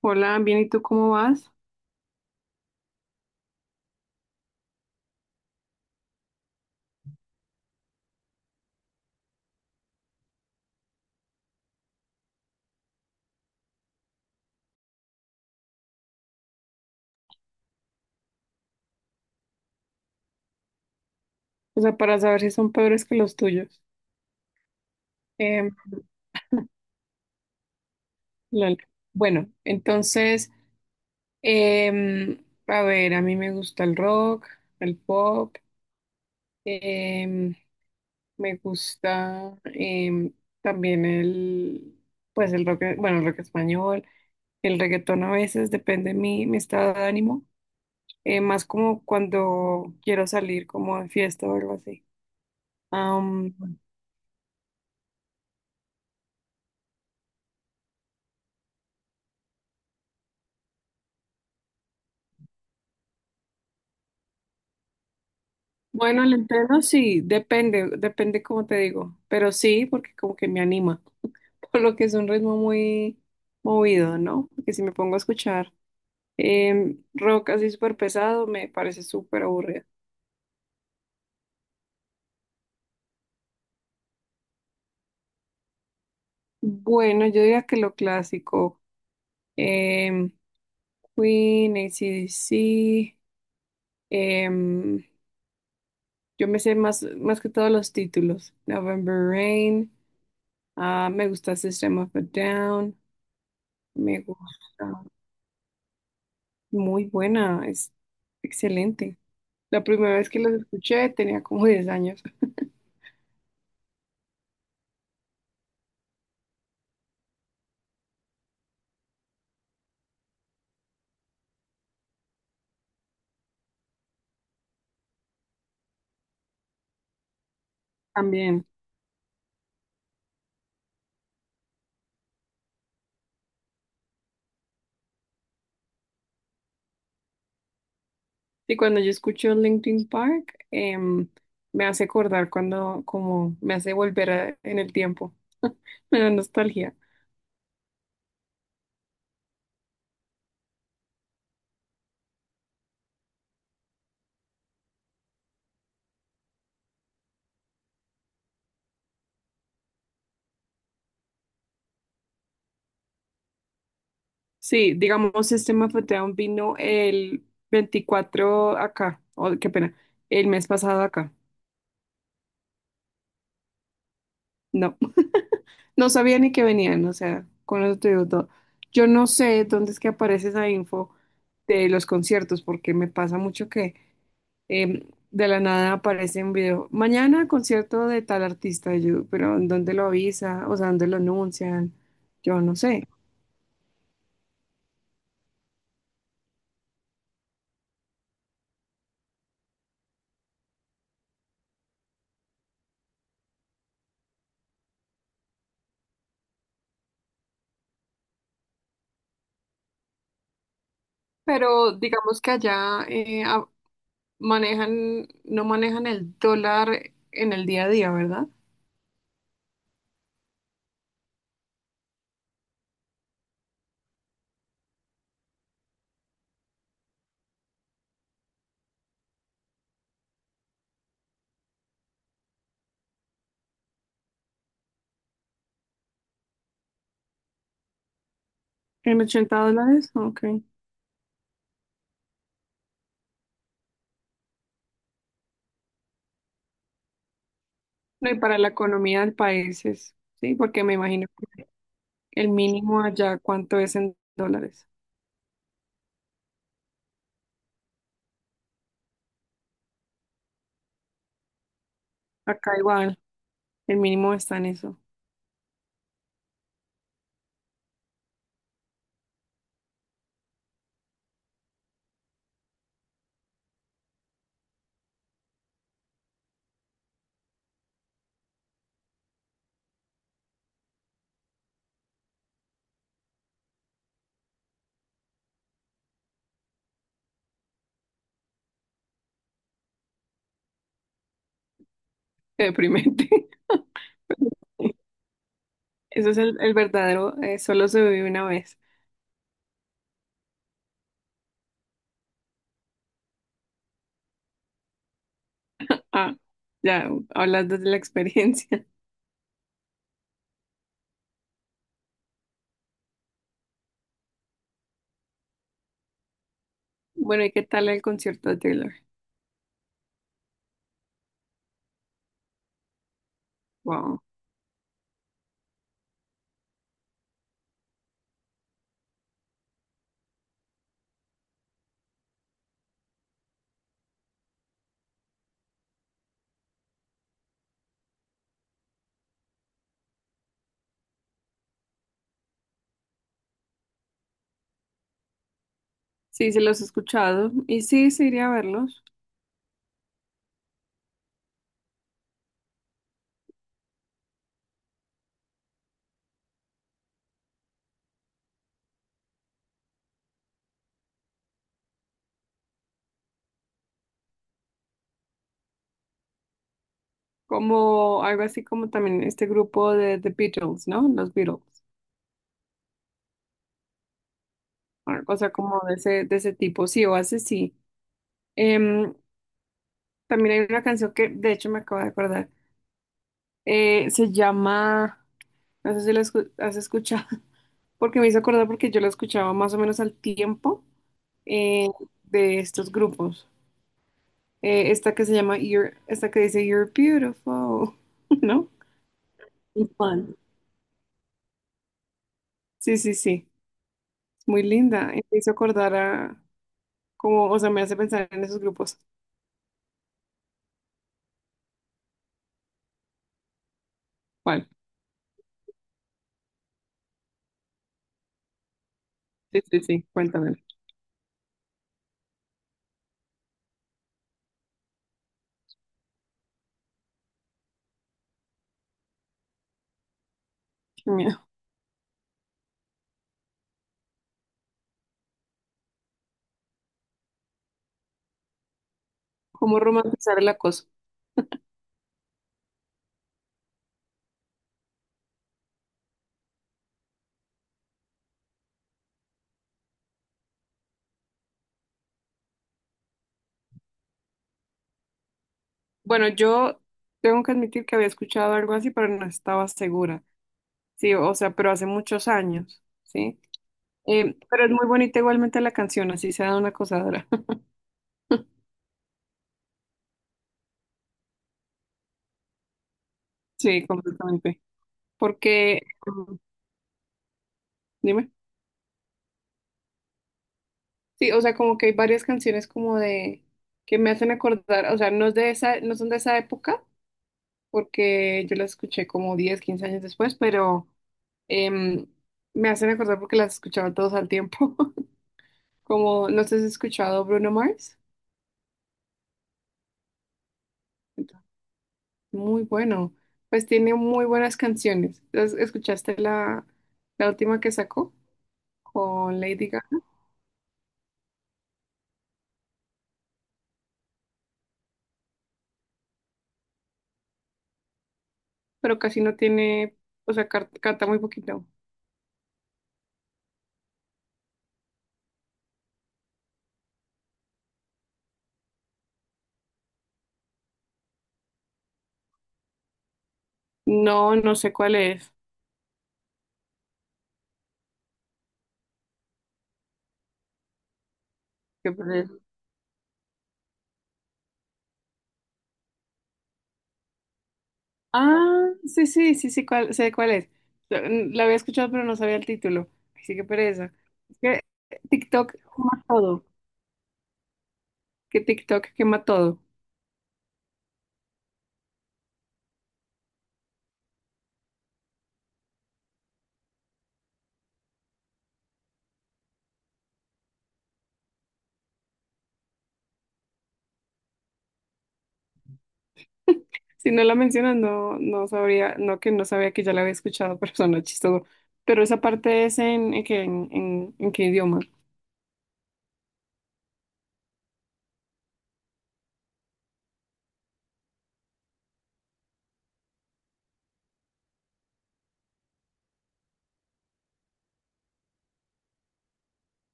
Hola, bien, ¿y tú cómo vas? O sea, para saber si son peores que los tuyos. Em, lol. Bueno, entonces, a ver, a mí me gusta el rock, el pop, em, me gusta también el, pues el rock, bueno, el rock español, el reggaetón a veces, depende mi estado de ánimo, más como cuando quiero salir como de fiesta o algo así. Bueno, lentejas sí, depende, depende como te digo, pero sí, porque como que me anima, por lo que es un ritmo muy movido, ¿no? Porque si me pongo a escuchar rock así súper pesado, me parece súper aburrido. Bueno, yo diría que lo clásico, em, Queen, AC/DC, em, yo me sé más, más que todos los títulos, November Rain. Ah, me gusta System of a Down, me gusta... Muy buena, es excelente. La primera vez que los escuché tenía como 10 años también. Y cuando yo escucho Linkin Park, me hace acordar cuando, como me hace volver a- en el tiempo, me da nostalgia. Sí, digamos, System of a Down vino el 24 acá, oh, qué pena, el mes pasado acá. No, no sabía ni que venían, o sea, con eso te digo todo. Yo no sé dónde es que aparece esa info de los conciertos, porque me pasa mucho que de la nada aparece un video. Mañana concierto de tal artista, y yo, pero ¿en ¿dónde lo avisa? O sea, ¿dónde lo anuncian? Yo no sé. Pero digamos que allá manejan, no manejan el dólar en el día a día, ¿verdad? ¿En $80? Ok. No, y para la economía del país es, sí, porque me imagino que el mínimo allá, ¿cuánto es en dólares? Acá igual, el mínimo está en eso. Qué deprimente. Eso es el verdadero, solo se vive una vez. Ah, ya hablas desde la experiencia. Bueno, ¿y qué tal el concierto de Taylor? Wow. Sí, se los he escuchado y sí, sí iría a verlos. Como algo así como también este grupo de The Beatles, ¿no? Los Beatles. Una cosa como de ese tipo. Sí, o hace sí. Em, también hay una canción que de hecho me acabo de acordar. Se llama, no sé si la has escuchado, porque me hizo acordar porque yo la escuchaba más o menos al tiempo. eh, de estos grupos. Esta que se llama esta que dice You're Beautiful, ¿no? Y Juan. Sí, sí, sí. Es muy linda. Y me hizo acordar a como, o sea, me hace pensar en esos grupos. ¿Cuál? Sí, sí, sí. Cuéntame. Qué miedo. ¿Cómo romantizar el acoso? Bueno, yo tengo que admitir que había escuchado algo así, pero no estaba segura. Sí, o sea, pero hace muchos años, ¿sí? Pero es muy bonita igualmente la canción, así sea de una acosadora. Sí, completamente. porque, mm, dime, sí, o sea, como que hay varias canciones como de, que me hacen acordar, o sea, no es de esa, no son de esa época, porque yo las escuché como 10 15 años después, pero em, me hacen acordar porque las escuchaba todos al tiempo, como, no sé si has escuchado Bruno Mars. Entonces, muy bueno, pues tiene muy buenas canciones. ¿Escuchaste la, la última que sacó con Lady Gaga? Pero casi no tiene, o sea, canta muy poquito. No, no sé cuál es. ¿Qué poner? Ah, sí, sí, sí, sí, cuál, sé cuál es. Mm, la había escuchado, pero no sabía el título. Así que pereza. Es que TikTok quema todo. Que TikTok quema todo. Si no la mencionas, no, no sabría, no que no sabía que ya la había escuchado, pero suena chistoso. Pero esa parte es en, en, en qué idioma.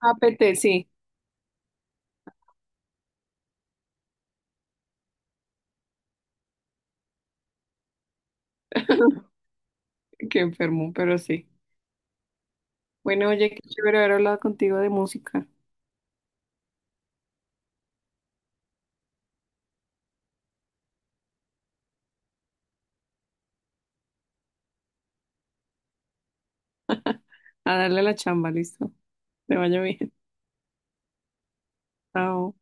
APT, sí, que enfermo, pero sí. Bueno, oye, qué chévere haber hablado contigo de música. A darle la chamba, listo. Te vaya bien. Chao.